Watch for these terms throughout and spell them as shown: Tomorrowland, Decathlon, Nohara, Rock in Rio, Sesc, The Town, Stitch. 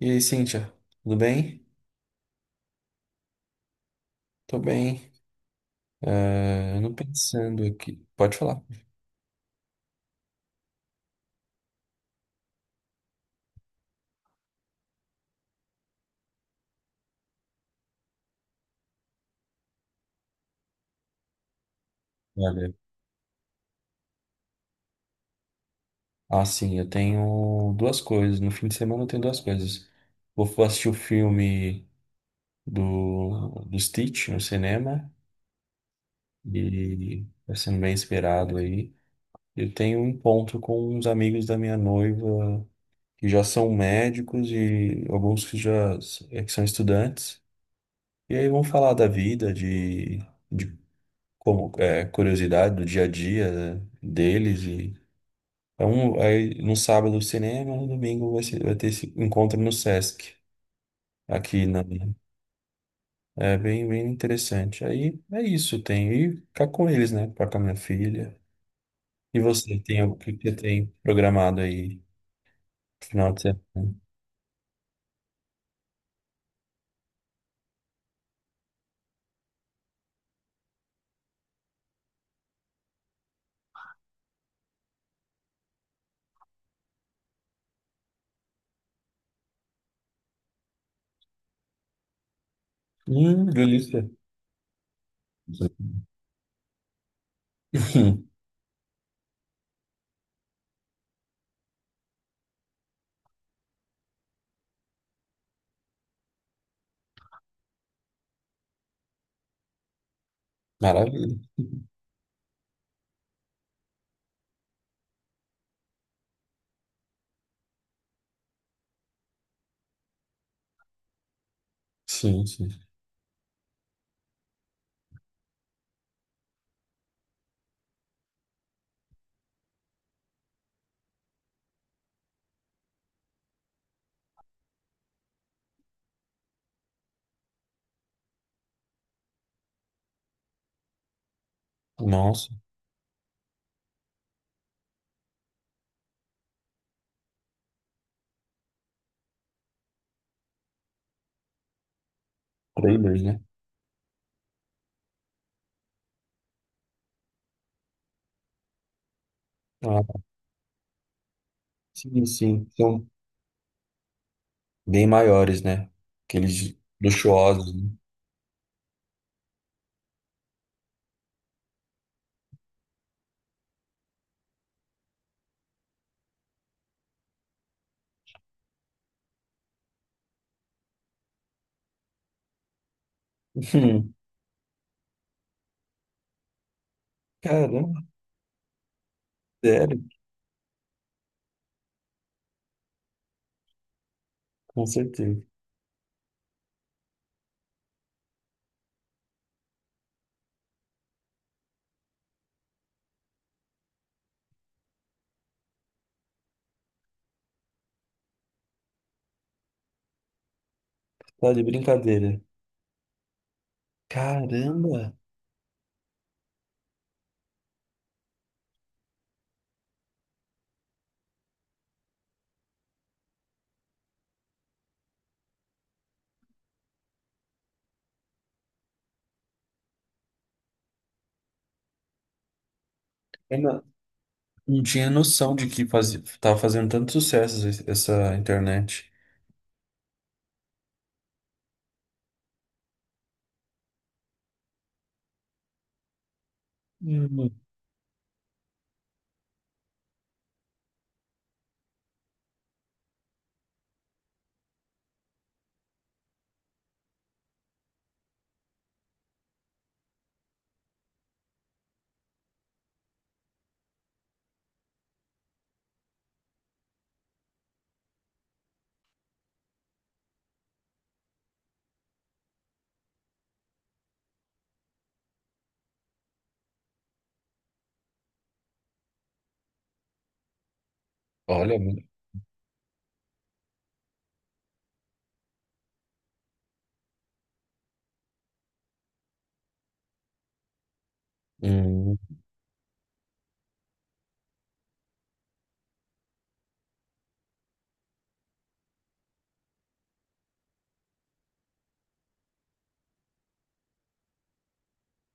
E aí, Cíntia, tudo bem? Tô bem. Não pensando aqui. Pode falar. Olha, assim, eu tenho duas coisas. No fim de semana eu tenho duas coisas. Assistir o filme do Stitch no cinema e tá sendo bem esperado aí. Eu tenho um encontro com uns amigos da minha noiva que já são médicos e alguns que já s- é que são estudantes. E aí vão falar da vida, de como é, curiosidade do dia a dia, né, deles. Aí no sábado o cinema, no domingo vai ter esse encontro no Sesc aqui na é bem interessante. Aí é isso, tenho e ficar com eles, né, ficar com a minha filha. E você, tem o que que você tem programado aí pro final de semana? Delícia. Maravilha. Sim, sim. Nossa, trailers, né? Ah, sim, sim. São bem maiores, né? Aqueles luxuosos, né? Caramba, sério, com certeza. Tá de brincadeira. Caramba, eu não, não tinha noção de que fazia, tava fazendo tanto sucesso essa internet. Hum. Olha, mu- hum,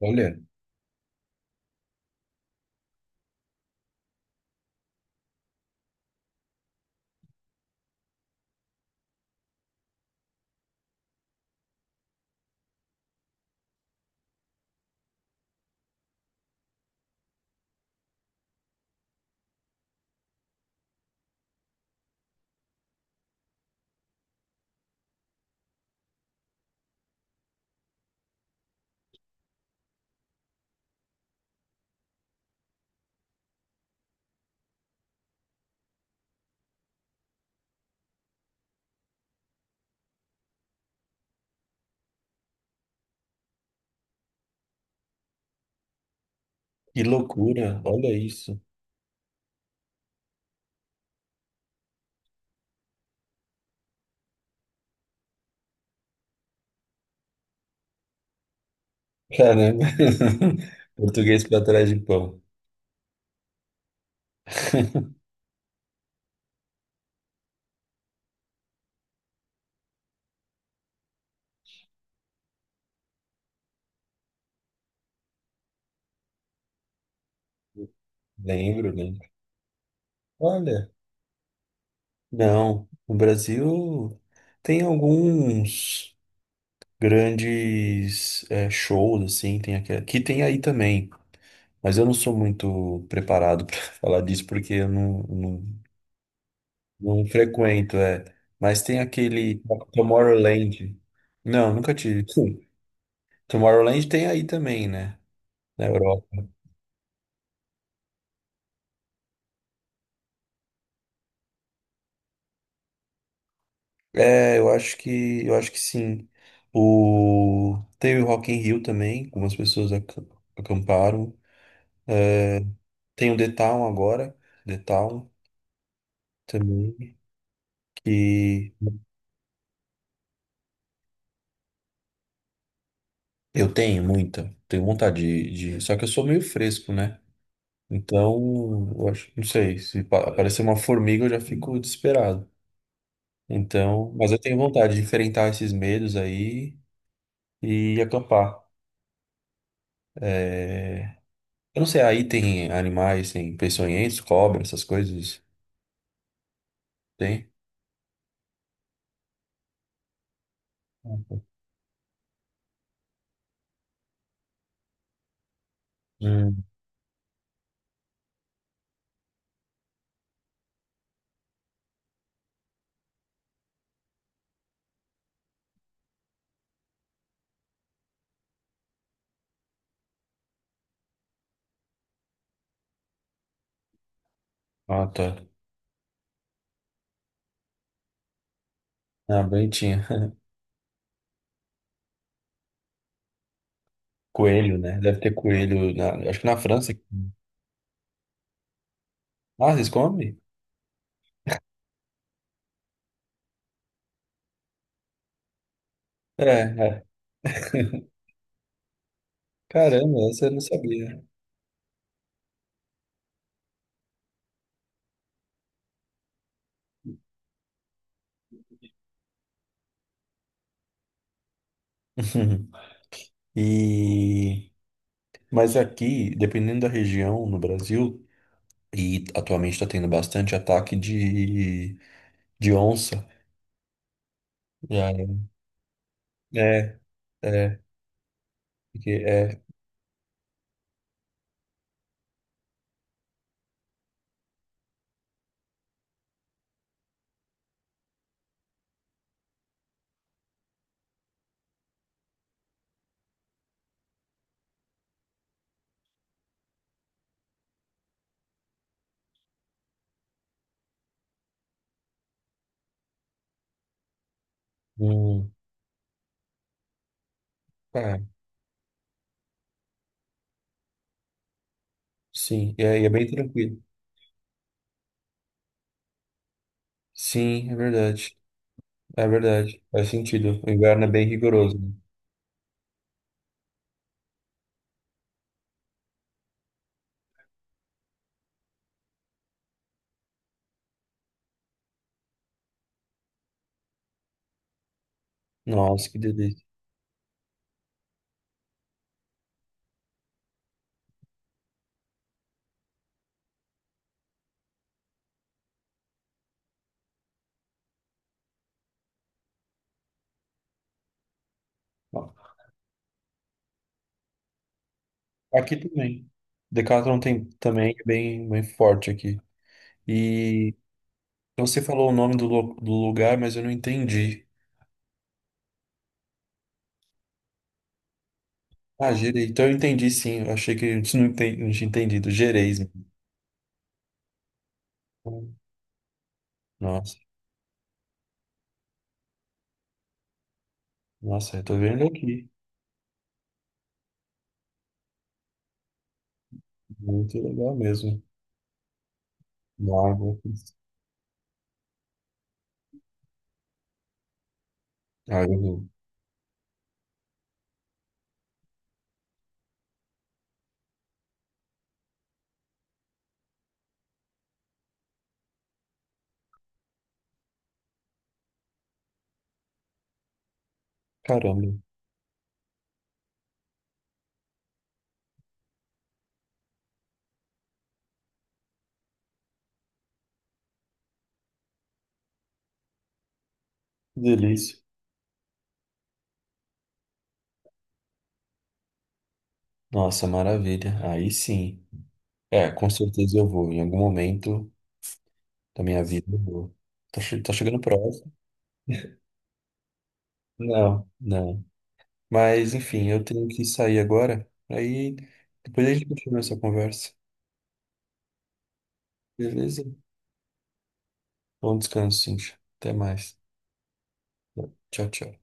olha, que loucura, olha isso. Caramba, português pra trás de pão. Lembro, lembro. Olha, não, no Brasil tem alguns grandes é shows, assim, tem aqui, que tem aí também. Mas eu não sou muito preparado para falar disso porque eu não, não, não frequento, é. Mas tem aquele Tomorrowland. Não, nunca tive. Sim. Tomorrowland tem aí também, né? Na Europa. É, eu acho que sim. O teve o Rock in Rio também, acamparam. Tem o The Town agora, The Town também, que eu tenho muita, tenho vontade Só que eu sou meio fresco, né? Então, eu acho, não sei, se pa- aparecer uma formiga eu já fico desesperado. Então, mas eu tenho vontade de enfrentar esses medos aí e acampar. É, eu não sei, aí tem animais, tem peçonhentos, cobra, essas coisas? Tem? Hum. Ah, tá. Ah, bem tinha. Coelho, né? Deve ter coelho, acho que na França. Ah, vocês comem? É, é. Caramba, essa eu não sabia. E mas aqui, dependendo da região no Brasil, e atualmente está tendo bastante ataque de onça. Já é, é, porque é um, ah, sim, e aí é bem tranquilo. Sim, é verdade, faz sentido. O inverno é bem rigoroso, né? Nossa, que delícia. Ó, aqui também. Decathlon tem também, é bem, bem forte aqui. E você falou o nome do lugar, mas eu não entendi. Ah, Gerei. Então eu entendi, sim. Eu achei que a gente não, não tinha entendido. Gereis. Nossa, nossa, eu tô vendo aqui. Muito legal mesmo. Água. Água. Caramba, que delícia. Nossa, maravilha. Aí sim. É, com certeza eu vou. Em algum momento da minha vida eu vou. Tá chegando próximo. Não, não. Mas enfim, eu tenho que sair agora. Aí depois a gente continua essa conversa. Beleza? Bom descanso, Cintia. Até mais. Tchau, tchau.